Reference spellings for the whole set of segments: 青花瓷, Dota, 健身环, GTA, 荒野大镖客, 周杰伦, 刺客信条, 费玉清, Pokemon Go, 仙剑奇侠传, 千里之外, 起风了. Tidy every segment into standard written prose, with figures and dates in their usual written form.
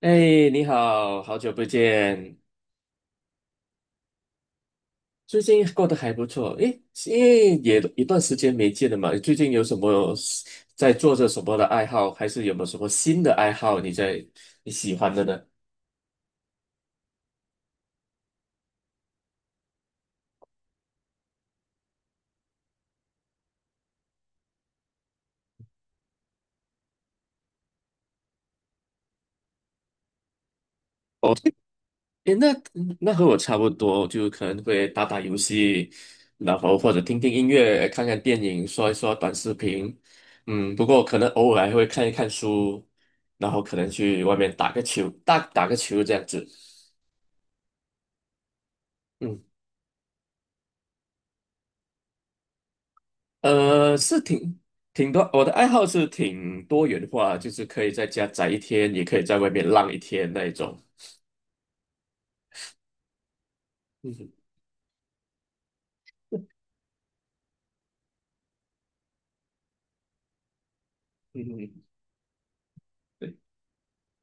哎，你好，好久不见，最近过得还不错。哎，因为也一段时间没见了嘛，最近有什么在做着什么的爱好，还是有没有什么新的爱好你喜欢的呢？哦，哎，那和我差不多，就可能会打打游戏，然后或者听听音乐，看看电影，刷一刷短视频。不过可能偶尔还会看一看书，然后可能去外面打打个球这样子。嗯。是挺多，我的爱好是挺多元化，就是可以在家宅一天，也可以在外面浪一天那一种。嗯哼，嗯哼，对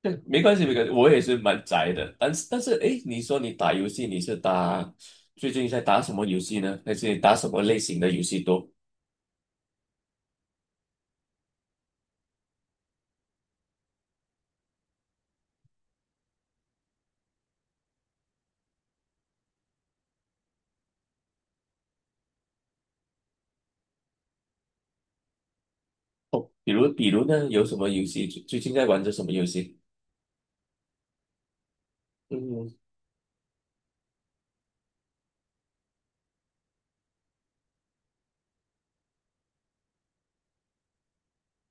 对，没关系没关系，我也是蛮宅的。但是诶，你说你打游戏，你是打最近在打什么游戏呢？还是你打什么类型的游戏多？比如呢，有什么游戏最近在玩着什么游戏？嗯，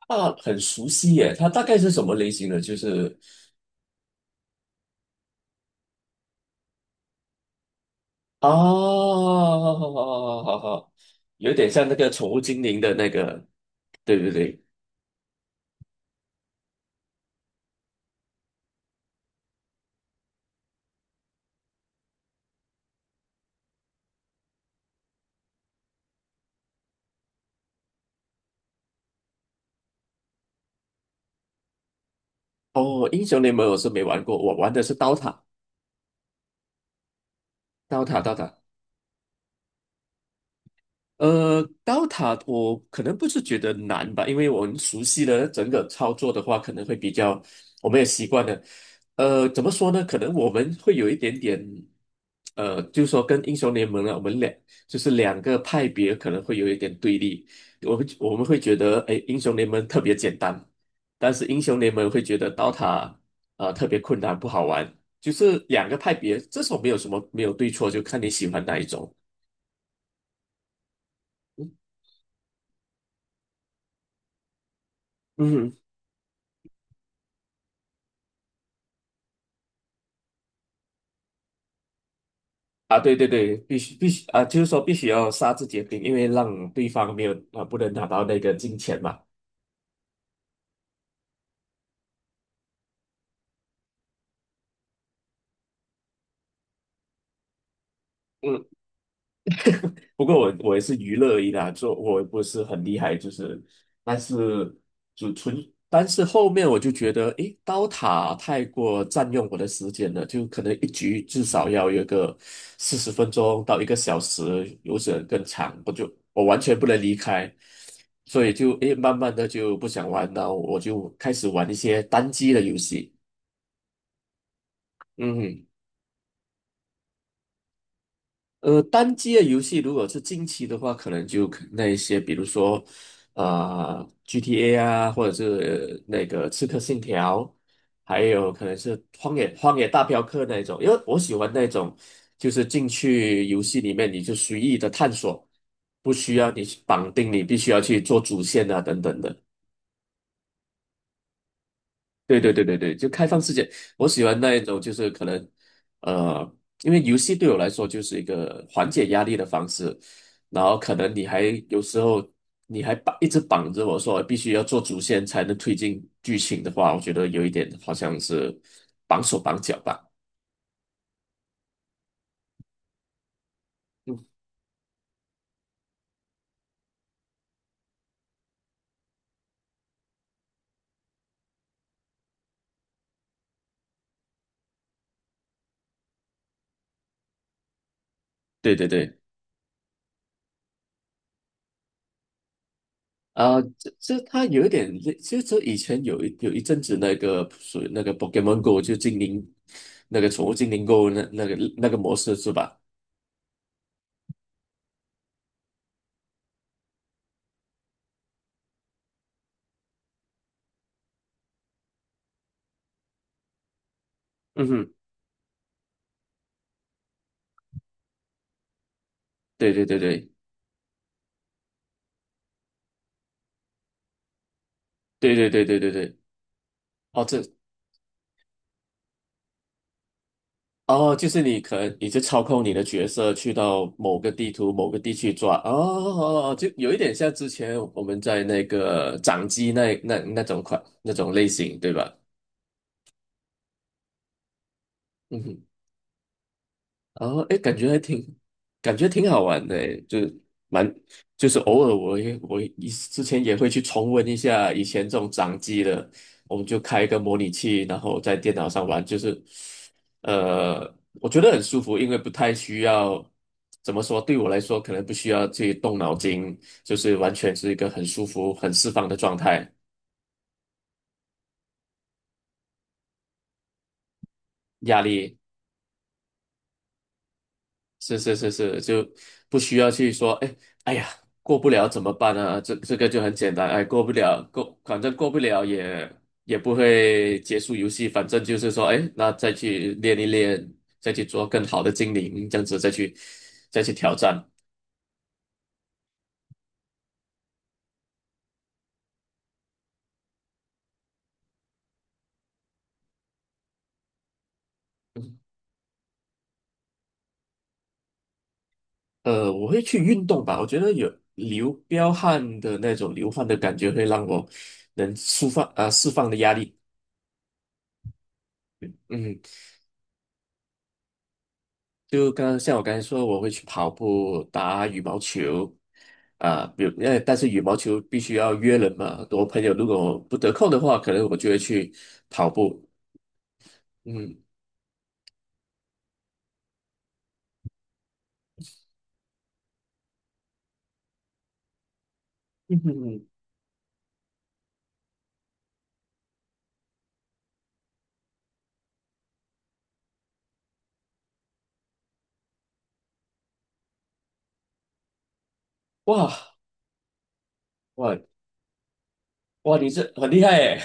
啊，很熟悉耶，它大概是什么类型的？就是哦，好好好好好，有点像那个宠物精灵的那个，对对对。哦，英雄联盟我是没玩过，我玩的是刀塔，刀塔，刀塔。Dota 我可能不是觉得难吧，因为我们熟悉的整个操作的话，可能会比较，我们也习惯了。怎么说呢？可能我们会有一点点，就是说跟英雄联盟呢，我们两就是两个派别可能会有一点对立。我们会觉得，哎，英雄联盟特别简单，但是英雄联盟会觉得 Dota 特别困难，不好玩。就是两个派别，这种没有什么没有对错，就看你喜欢哪一种。嗯哼。啊，对对对，必须必须啊，就是说必须要杀自己的兵，因为让对方没有啊，不能拿到那个金钱嘛。不过我也是娱乐而已啦，做我也不是很厉害，就是，但是就纯，但是后面我就觉得，诶，刀塔太过占用我的时间了，就可能一局至少要有个40分钟到一个小时，有时更长，我完全不能离开，所以慢慢的就不想玩了，我就开始玩一些单机的游戏，嗯。单机的游戏如果是近期的话，可能就那一些，比如说，啊、GTA 啊，或者是那个《刺客信条》，还有可能是《荒野大镖客》那一种，因为我喜欢那种，就是进去游戏里面你就随意的探索，不需要你去绑定，你必须要去做主线啊等等的。对对对对对，就开放世界，我喜欢那一种，就是可能，呃，因为游戏对我来说就是一个缓解压力的方式，然后可能你还有时候你还一直绑着我说必须要做主线才能推进剧情的话，我觉得有一点好像是绑手绑脚吧。嗯，对对对，啊、这他有一点类，其实这以前有一阵子那个属于那个 Pokemon Go 就精灵那个宠物精灵 Go 那个模式是吧？嗯哼。对对对对对，对对对对对，哦，这哦，就是你可能你就操控你的角色去到某个地图、某个地区抓，哦哦哦，就有一点像之前我们在那个掌机那种类型，对吧？嗯哼。哦，哎，感觉挺好玩的诶，就是蛮，就是偶尔我之前也会去重温一下以前这种掌机的，我们就开一个模拟器，然后在电脑上玩，就是，呃，我觉得很舒服，因为不太需要，怎么说，对我来说可能不需要去动脑筋，就是完全是一个很舒服、很释放的状态，压力。是是是是，就不需要去说，哎呀，过不了怎么办啊？这个就很简单，哎，过不了，反正过不了也也不会结束游戏，反正就是说，哎，那再去练一练，再去做更好的精灵，这样子再去挑战。嗯。我会去运动吧，我觉得有流汗的感觉会让我能释放啊、释放的压力。嗯。就刚刚像我刚才说，我会去跑步、打羽毛球，啊，比如但是羽毛球必须要约人嘛。我朋友如果不得空的话，可能我就会去跑步。嗯，嗯哼哼，哇哇哇，你这很厉害诶。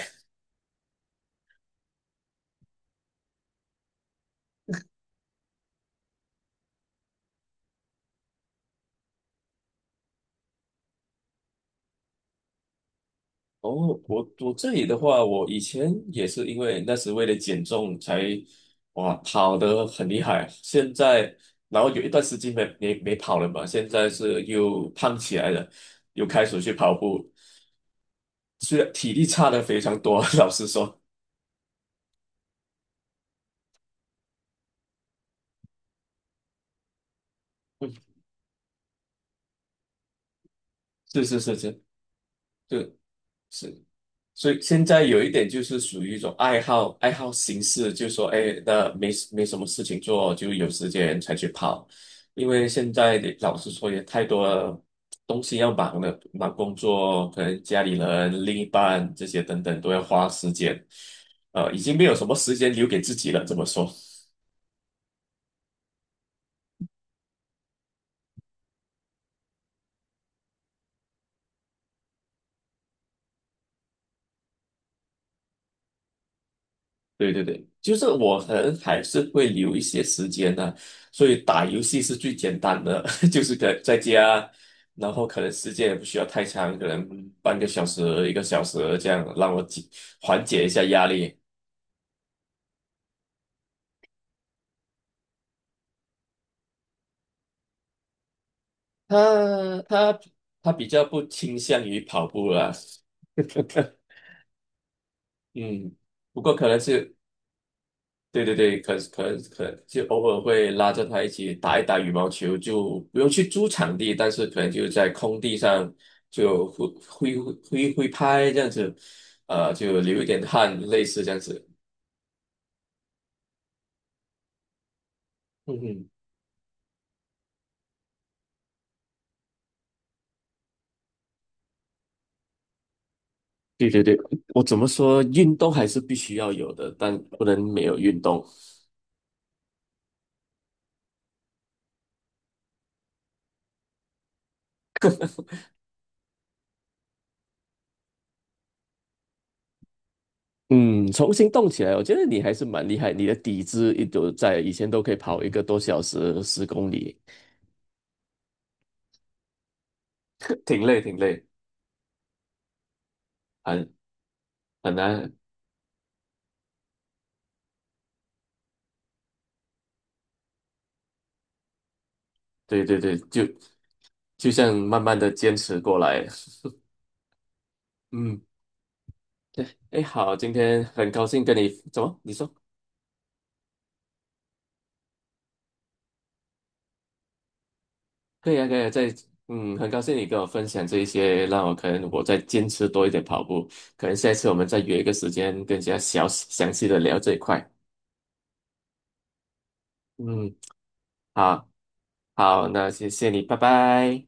哦，我这里的话，我以前也是因为那时为了减重才哇跑得很厉害，现在然后有一段时间没跑了嘛，现在是又胖起来了，又开始去跑步。虽然体力差的非常多，老实说，嗯，是是是是，对是，所以现在有一点就是属于一种爱好形式，就说哎，那没什么事情做，就有时间才去跑，因为现在的老实说也太多东西要忙了，忙工作，可能家里人、另一半这些等等都要花时间，已经没有什么时间留给自己了，这么说。对对对，就是我可能还是会留一些时间呢、所以打游戏是最简单的，就是可在家，然后可能时间也不需要太长，可能半个小时、一个小时这样，让我缓解一下压力。他他比较不倾向于跑步啦，嗯，不过可能是对对对，可可可，就偶尔会拉着他一起打一打羽毛球，就不用去租场地，但是可能就在空地上就挥拍这样子，就流一点汗，类似这样子。嗯哼，对对对，我怎么说，运动还是必须要有的，但不能没有运动。嗯，重新动起来，我觉得你还是蛮厉害，你的底子一直在，以前都可以跑1个多小时，10公里，挺累挺累，很很难。对对对，就像慢慢的坚持过来。嗯，哎，好，今天很高兴跟你，怎么？你说可以啊，可以啊，在，嗯，很高兴你跟我分享这一些，让我可能我再坚持多一点跑步，可能下一次我们再约一个时间，更加详细的聊这一块。嗯，好，好，那谢谢你，拜拜。